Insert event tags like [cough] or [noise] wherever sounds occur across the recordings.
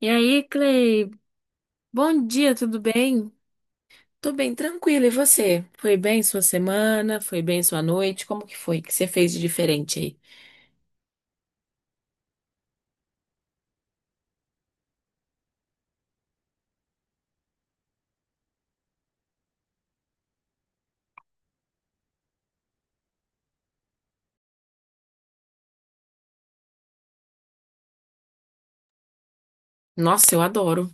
E aí, Clay? Bom dia, tudo bem? Tô bem, tranquilo. E você? Foi bem sua semana? Foi bem sua noite? Como que foi? O que você fez de diferente aí? Nossa, eu adoro.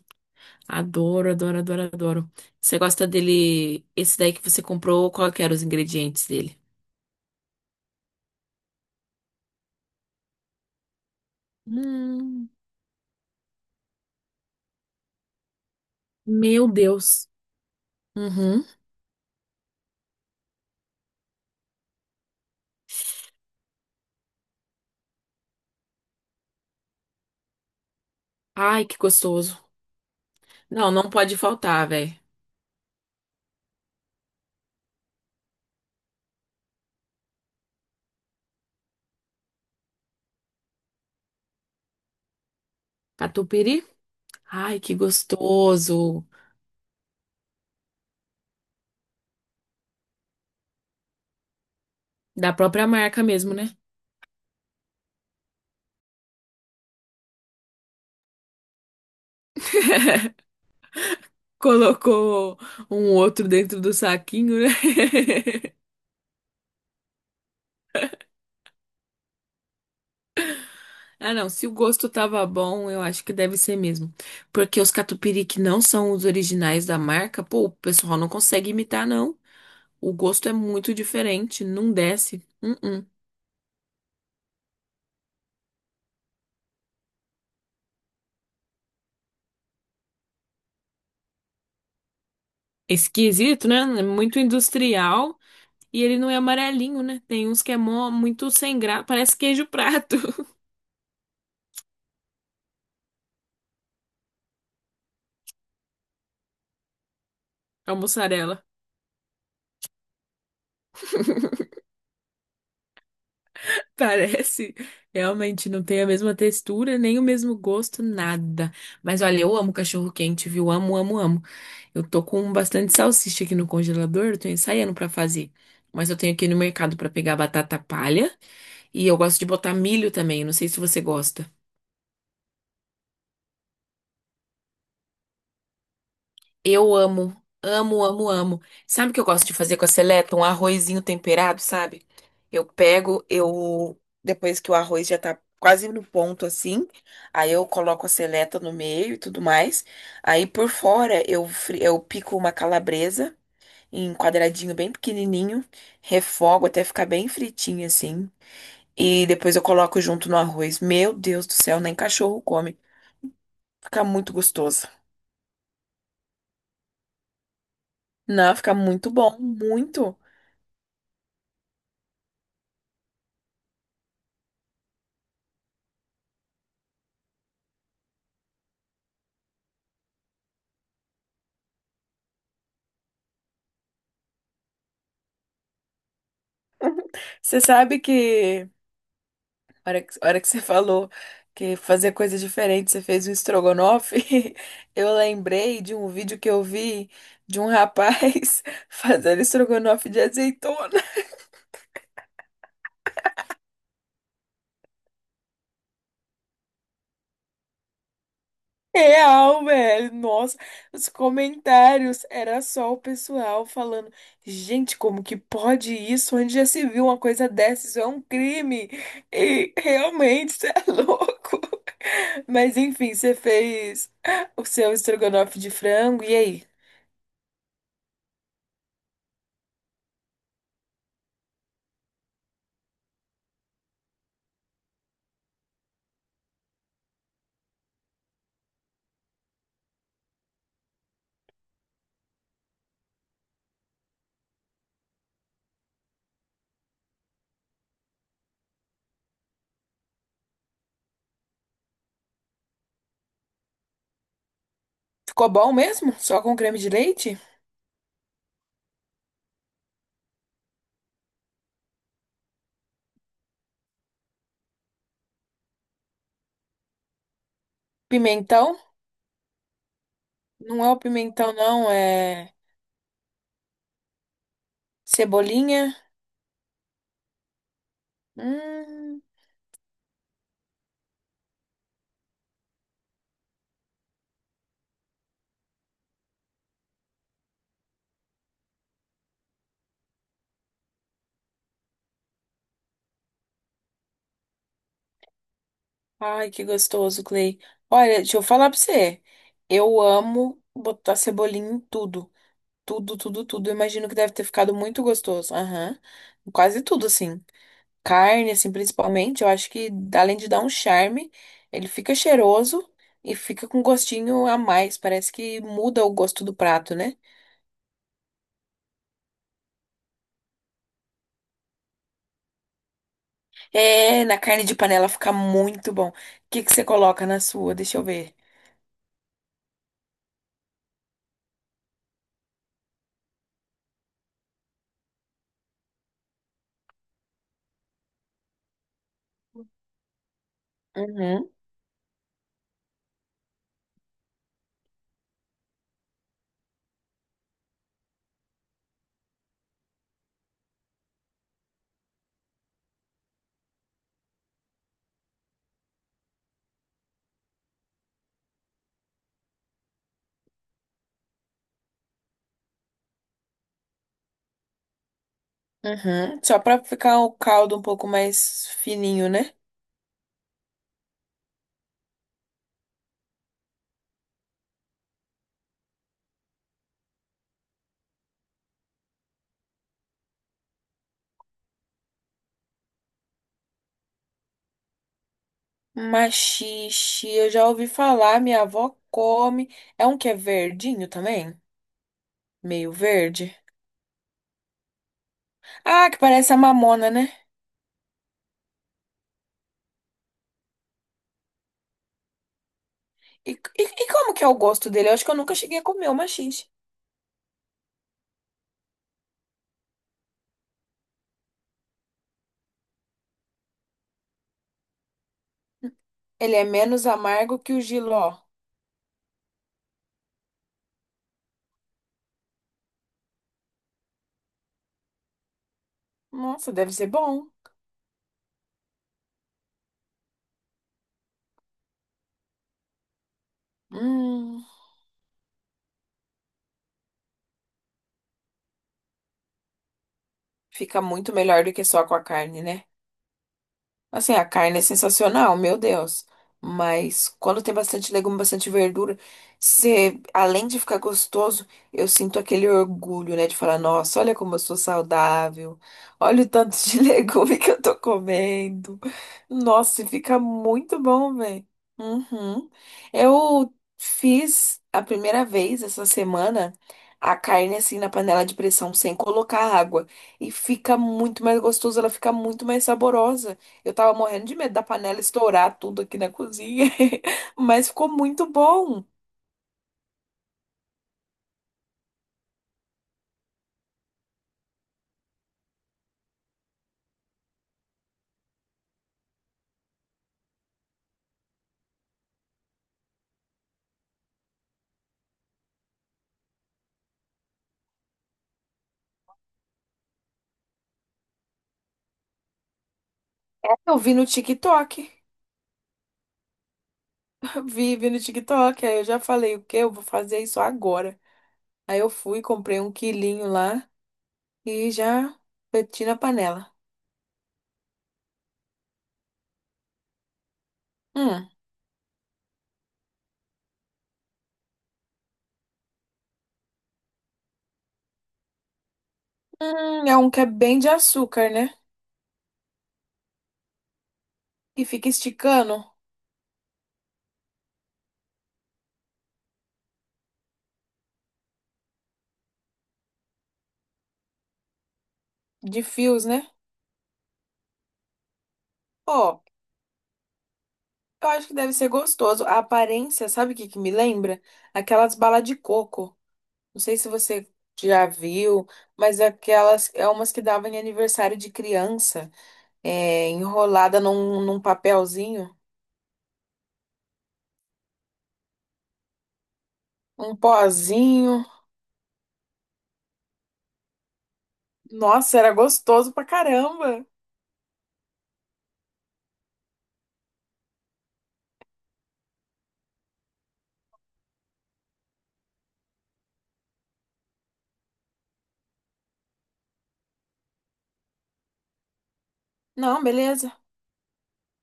Adoro, adoro, adoro, adoro. Você gosta dele? Esse daí que você comprou, qual que eram os ingredientes dele? Hum, meu Deus. Uhum. Ai, que gostoso. Não, não pode faltar, velho. Catupiry? Ai, que gostoso. Da própria marca mesmo, né? Colocou um outro dentro do saquinho, né? [laughs] Ah, não. Se o gosto tava bom, eu acho que deve ser mesmo. Porque os catupiry que não são os originais da marca, pô, o pessoal não consegue imitar, não. O gosto é muito diferente, não desce. Uh-uh. Esquisito, né? É muito industrial. E ele não é amarelinho, né? Tem uns que é mó, muito sem graça. Parece queijo prato. [laughs] A mussarela. Parece. Realmente não tem a mesma textura, nem o mesmo gosto, nada. Mas olha, eu amo cachorro quente, viu? Amo, amo, amo. Eu tô com bastante salsicha aqui no congelador, eu tô ensaiando pra fazer. Mas eu tenho aqui no mercado pra pegar batata palha e eu gosto de botar milho também, não sei se você gosta. Eu amo, amo, amo, amo. Sabe o que eu gosto de fazer com a seleta? Um arrozinho temperado, sabe? Eu pego, eu depois que o arroz já tá quase no ponto assim, aí eu coloco a seleta no meio e tudo mais. Aí por fora eu pico uma calabresa em quadradinho bem pequenininho, refogo até ficar bem fritinho assim. E depois eu coloco junto no arroz. Meu Deus do céu, nem cachorro come. Fica muito gostoso. Não, fica muito bom, muito. Você sabe que, a hora que você falou que fazer coisa diferente, você fez um estrogonofe, [laughs] eu lembrei de um vídeo que eu vi de um rapaz [laughs] fazendo estrogonofe de azeitona. Real, velho. Nossa, os comentários era só o pessoal falando: gente, como que pode isso? Onde já se viu uma coisa dessa? Isso é um crime. E realmente, você é [laughs] louco. Mas enfim, você fez o seu estrogonofe de frango. E aí? Ficou bom mesmo? Só com creme de leite? Pimentão? Não é o pimentão, não, é cebolinha. Hum. Ai, que gostoso, Clay. Olha, deixa eu falar pra você. Eu amo botar cebolinha em tudo. Tudo, tudo, tudo. Eu imagino que deve ter ficado muito gostoso. Aham. Quase tudo, assim. Carne, assim, principalmente. Eu acho que, além de dar um charme, ele fica cheiroso e fica com gostinho a mais. Parece que muda o gosto do prato, né? É, na carne de panela fica muito bom. O que que você coloca na sua? Deixa eu ver. Uhum, uhum. Só pra ficar o caldo um pouco mais fininho, né? Maxixe, eu já ouvi falar, minha avó come. É um que é verdinho também? Meio verde. Ah, que parece a mamona, né? E, e, e como que é o gosto dele? Eu acho que eu nunca cheguei a comer o maxixe. Ele é menos amargo que o jiló. Nossa, deve ser bom. Hum, fica muito melhor do que só com a carne, né? Assim, a carne é sensacional, meu Deus. Mas quando tem bastante legume, bastante verdura, você, além de ficar gostoso, eu sinto aquele orgulho, né? De falar, nossa, olha como eu sou saudável. Olha o tanto de [laughs] legume que eu tô comendo. Nossa, e fica muito bom, velho. Uhum. Eu fiz a primeira vez essa semana a carne assim na panela de pressão, sem colocar água. E fica muito mais gostoso, ela fica muito mais saborosa. Eu tava morrendo de medo da panela estourar tudo aqui na cozinha, [laughs] mas ficou muito bom. Eu vi no TikTok, [laughs] vi, vi no TikTok, aí eu já falei, o quê? Eu vou fazer isso agora. Aí eu fui, comprei um quilinho lá e já meti na panela. Hum, é um que é bem de açúcar, né? E fica esticando de fios, né? Ó, eu acho que deve ser gostoso. A aparência, sabe o que que me lembra? Aquelas balas de coco. Não sei se você já viu, mas aquelas é umas que davam em aniversário de criança, é, enrolada num papelzinho, um pozinho. Nossa, era gostoso pra caramba. Não, beleza.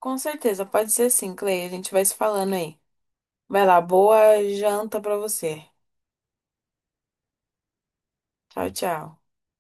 Com certeza, pode ser sim, Clay. A gente vai se falando aí. Vai lá, boa janta pra você. Tchau, tchau.